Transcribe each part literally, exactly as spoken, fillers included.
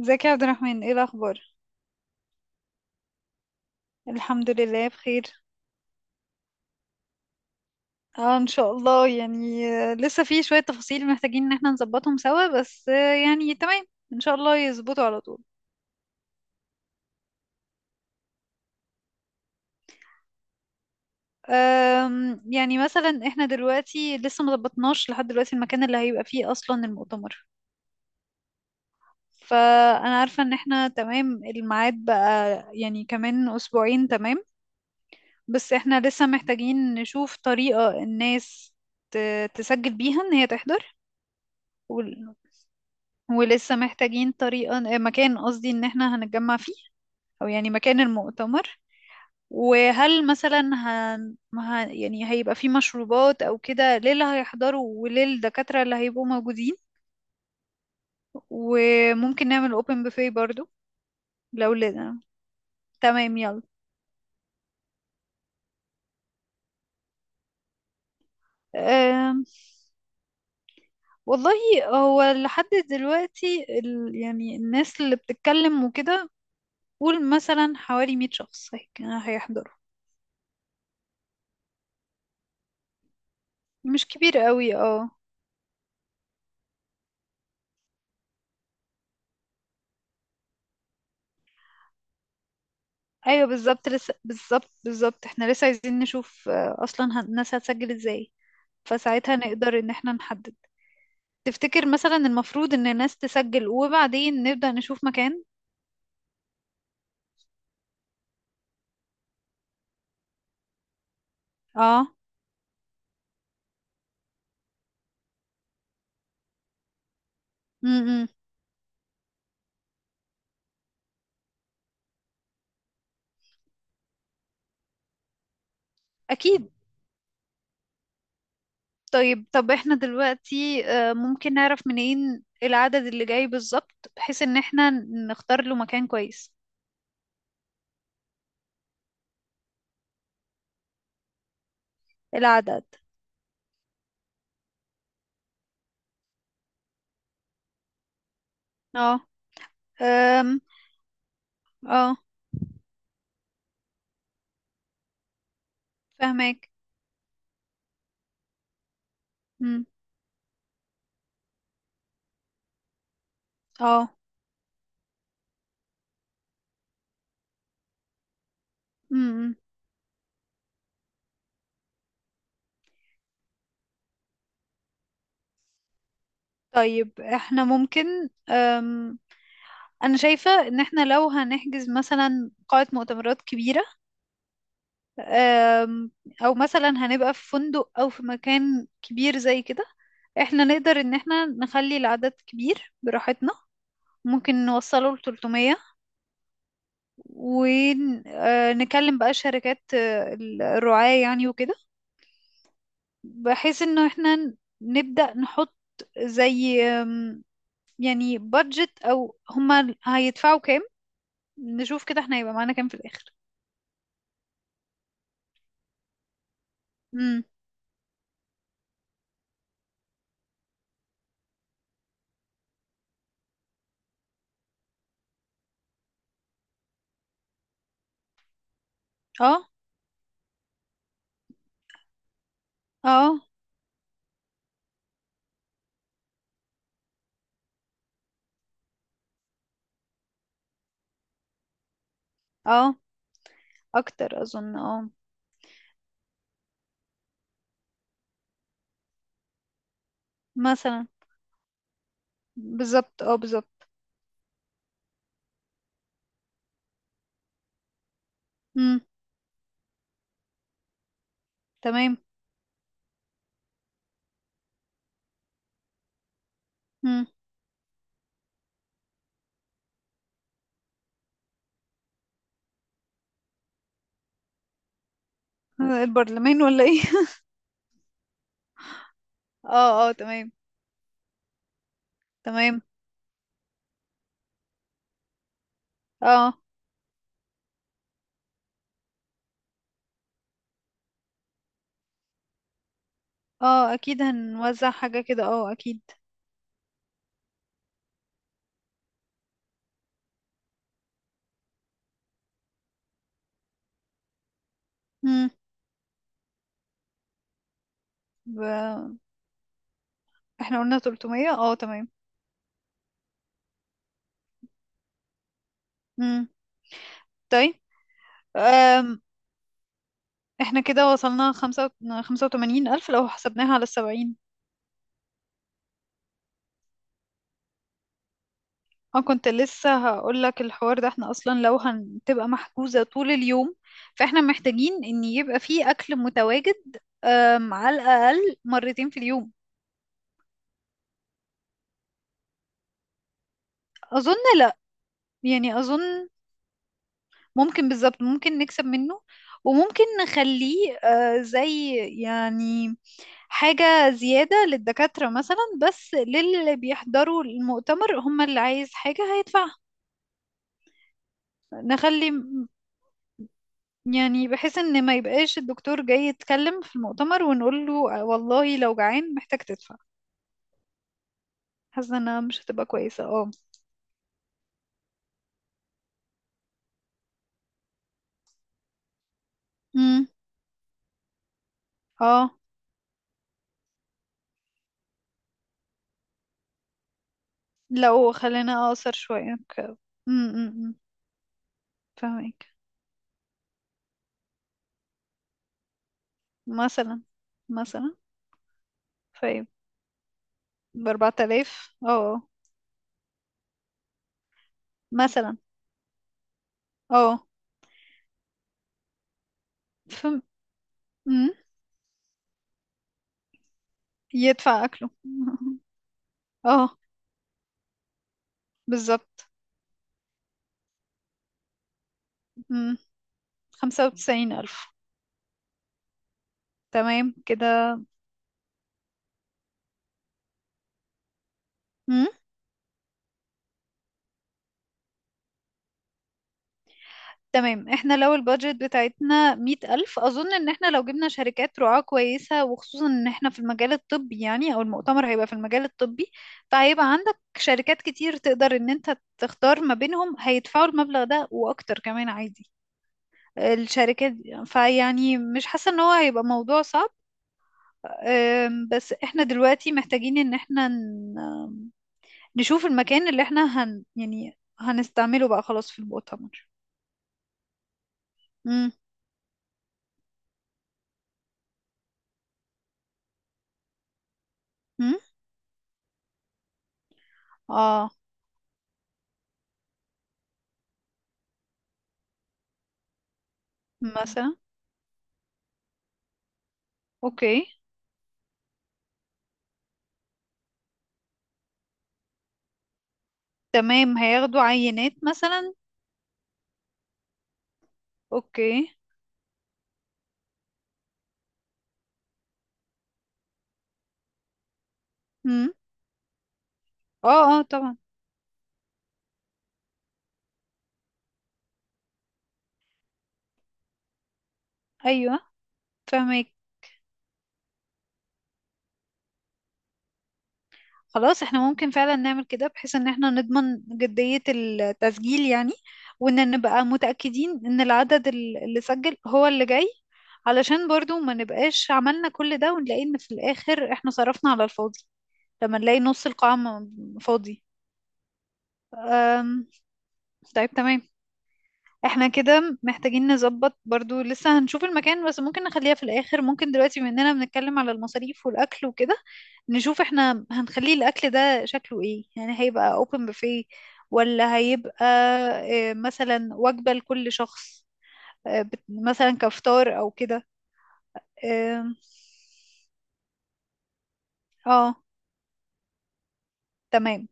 ازيك يا عبد الرحمن؟ ايه الاخبار؟ الحمد لله بخير. اه، ان شاء الله يعني، آه، لسه في شوية تفاصيل محتاجين ان احنا نظبطهم سوا، بس آه، يعني تمام. ان شاء الله يظبطوا على طول. آم، يعني مثلا احنا دلوقتي لسه مظبطناش لحد دلوقتي المكان اللي هيبقى فيه اصلا المؤتمر. فانا عارفة ان احنا تمام، الميعاد بقى يعني كمان اسبوعين، تمام. بس احنا لسه محتاجين نشوف طريقة الناس ت- تسجل بيها ان هي تحضر. ولسه محتاجين طريقة مكان، قصدي ان احنا هنتجمع فيه، او يعني مكان المؤتمر. وهل مثلا هن... ه- يعني هيبقى فيه مشروبات او كده ليه اللي هيحضروا وليه الدكاترة اللي هيبقوا موجودين؟ وممكن نعمل اوبن بوفيه برضو. لو لنا. تمام، يلا. أم... والله، هو لحد دلوقتي ال... يعني الناس اللي بتتكلم وكده، قول مثلا حوالي مية شخص هيك- هيحضروا. مش كبير قوي، اه. ايوه بالظبط، لسه بالظبط بالظبط احنا لسه عايزين نشوف، آه، اصلا هن- الناس هتسجل ازاي. فساعتها نقدر ان احنا نحدد. تفتكر مثلا المفروض ان الناس تسجل وبعدين نبدأ نشوف مكان؟ اه. امم. اكيد. طيب، طب احنا دلوقتي آه، ممكن نعرف منين العدد اللي جاي بالظبط، بحيث ان احنا نختار له مكان كويس؟ العدد، اه. أم، اه، فاهمك. امم. اه. امم. طيب احنا ممكن، انا شايفة ان احنا لو هنحجز مثلا قاعة مؤتمرات كبيرة، أم، او مثلا هنبقى في فندق او في مكان كبير زي كده، احنا نقدر ان احنا نخلي العدد كبير براحتنا. ممكن نوصله ل تلت مية، ونكلم بقى شركات، آه، ال- الرعاة يعني وكده، بحيث انه احنا ن- نبدأ نحط زي آم، يعني بادجت، او هما هيدفعوا كام. نشوف كده احنا هيبقى معانا كام في الاخر. امم. اه. اه. اه، اكتر اظن، اه. مثلا، بالظبط، اه بالظبط. امم. تمام. امم. البرلمان ولا ايه؟ اه. اه، تمام. تمام. اه. اه، اكيد هنوزع حاجة كده، اه اكيد. امم. ب... احنا قلنا تلت مية، اه تمام. امم. طيب. أم... احنا كده وصلنا خمسة وت- خمسة وتمانين ألف لو حسبناها على السبعين. اه، كنت لسه هقول لك الحوار ده. احنا اصلا لو هتبقى محجوزة طول اليوم، فاحنا محتاجين ان يبقى فيه اكل متواجد، آم، على الاقل مرتين في اليوم. اظن لا. يعني اظن، ممكن، بالظبط ممكن نكسب منه. وممكن نخليه آه، زي، يعني، حاجة زيادة للدكاترة مثلا. بس للي بيحضروا المؤتمر، هم اللي عايز حاجة هيدفعها. نخلي، يعني بحيث ان ما يبقاش الدكتور جاي يتكلم في المؤتمر، ونقول له: "آه، والله لو جعان محتاج تدفع." حاسه انها مش هتبقى كويسه، اه. امم. اه. لو خلينا اقصر شويه، ك- امم. امم. فاهمك. مثلا مثلا طيب، ب اربعة آلاف، اه آه. مثلا. اه. فم مم. يدفع اكله اه، بالظبط. امم. خمسة وتسعين ألف. تمام كده. تمام، احنا لو البادجت بتاعتنا مية ألف، أظن إن احنا لو جبنا شركات رعاة كويسة، وخصوصا إن احنا في المجال الطبي، يعني أو المؤتمر هيبقى في المجال الطبي، فهيبقى عندك شركات كتير تقدر إن انت تختار ما بينهم، هيدفعوا المبلغ ده وأكتر كمان عادي. الشركات دي- فيعني مش حاسة إن هو هيبقى موضوع صعب. أم، بس احنا دلوقتي محتاجين إن احنا ن- نشوف المكان اللي احنا هن يعني هنستعمله بقى خلاص في المؤتمر. امم. امم. اه، مثلا. اوكي. تمام، هياخدوا عينات مثلا. اوكي. امم. اه. اه، طبعا. ايوه فهمك. خلاص احنا ممكن فعلا نعمل كده بحيث ان احنا نضمن جدية التسجيل يعني، وان نبقى متأكدين ان العدد ال- اللي سجل هو اللي جاي، علشان برضو ما نبقاش عملنا كل ده ونلاقي ان في الاخر احنا صرفنا على الفاضي، لما نلاقي نص القاعة م- فاضي. طيب تمام. احنا كده محتاجين نظبط برضو، لسه هنشوف المكان، بس ممكن نخليها في الآخر. ممكن دلوقتي بما اننا بنتكلم على المصاريف والأكل وكده، نشوف احنا هنخليه الأكل ده شكله ايه، يعني هيبقى open buffet، ولا هيبقى آه، مثلا وجبة لكل شخص، آه، بت- مثلا كفطار او كده. اه. آه. تمام.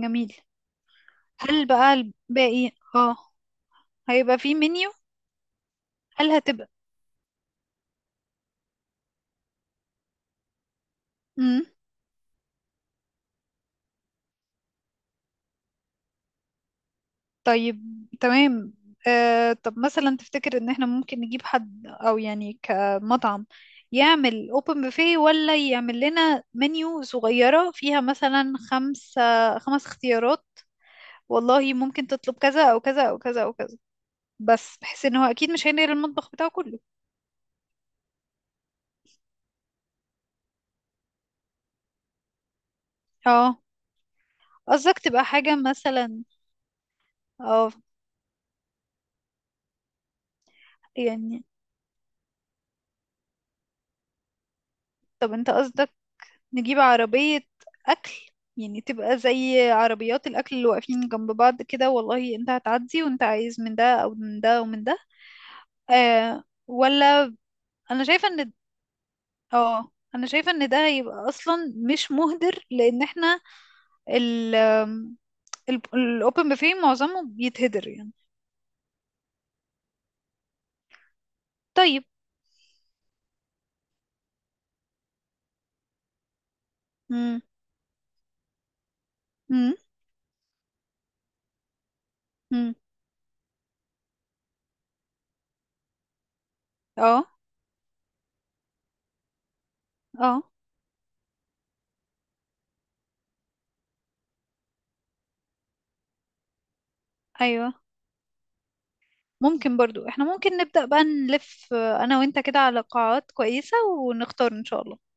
جميل. هل بقى الباقي، اه، هيبقى فيه منيو؟ هل هتبقى؟ مم. طيب تمام. آه، طب مثلا تفتكر ان احنا ممكن نجيب حد او يعني كمطعم، يعمل اوبن بوفيه، ولا يعمل لنا منيو صغيرة فيها مثلا خمسة، خمس اختيارات، والله ممكن تطلب كذا او كذا او كذا او كذا، بس بحيث ان هو اكيد مش هينقل المطبخ بتاعه كله؟ اه. قصدك تبقى حاجة مثلا. اه، يعني طب انت قصدك نجيب عربية أكل، يعني تبقى زي عربيات الأكل اللي واقفين جنب بعض كده، والله أنت هتعدي وأنت عايز من ده أو من ده ومن ده؟ آه، ولا. أنا شايفة إن، اه، أنا شايفة إن ده هيبقى أصلا مش مهدر، لأن احنا ال ال- الأوبن بوفيه معظمه بيتهدر يعني. طيب. مم. مم. مم. اه. اه. أيوه، ممكن برضو، احنا ممكن نبدأ بقى نلف، آه، أنا وأنت كده على قاعات كويسة، ونختار إن شاء الله.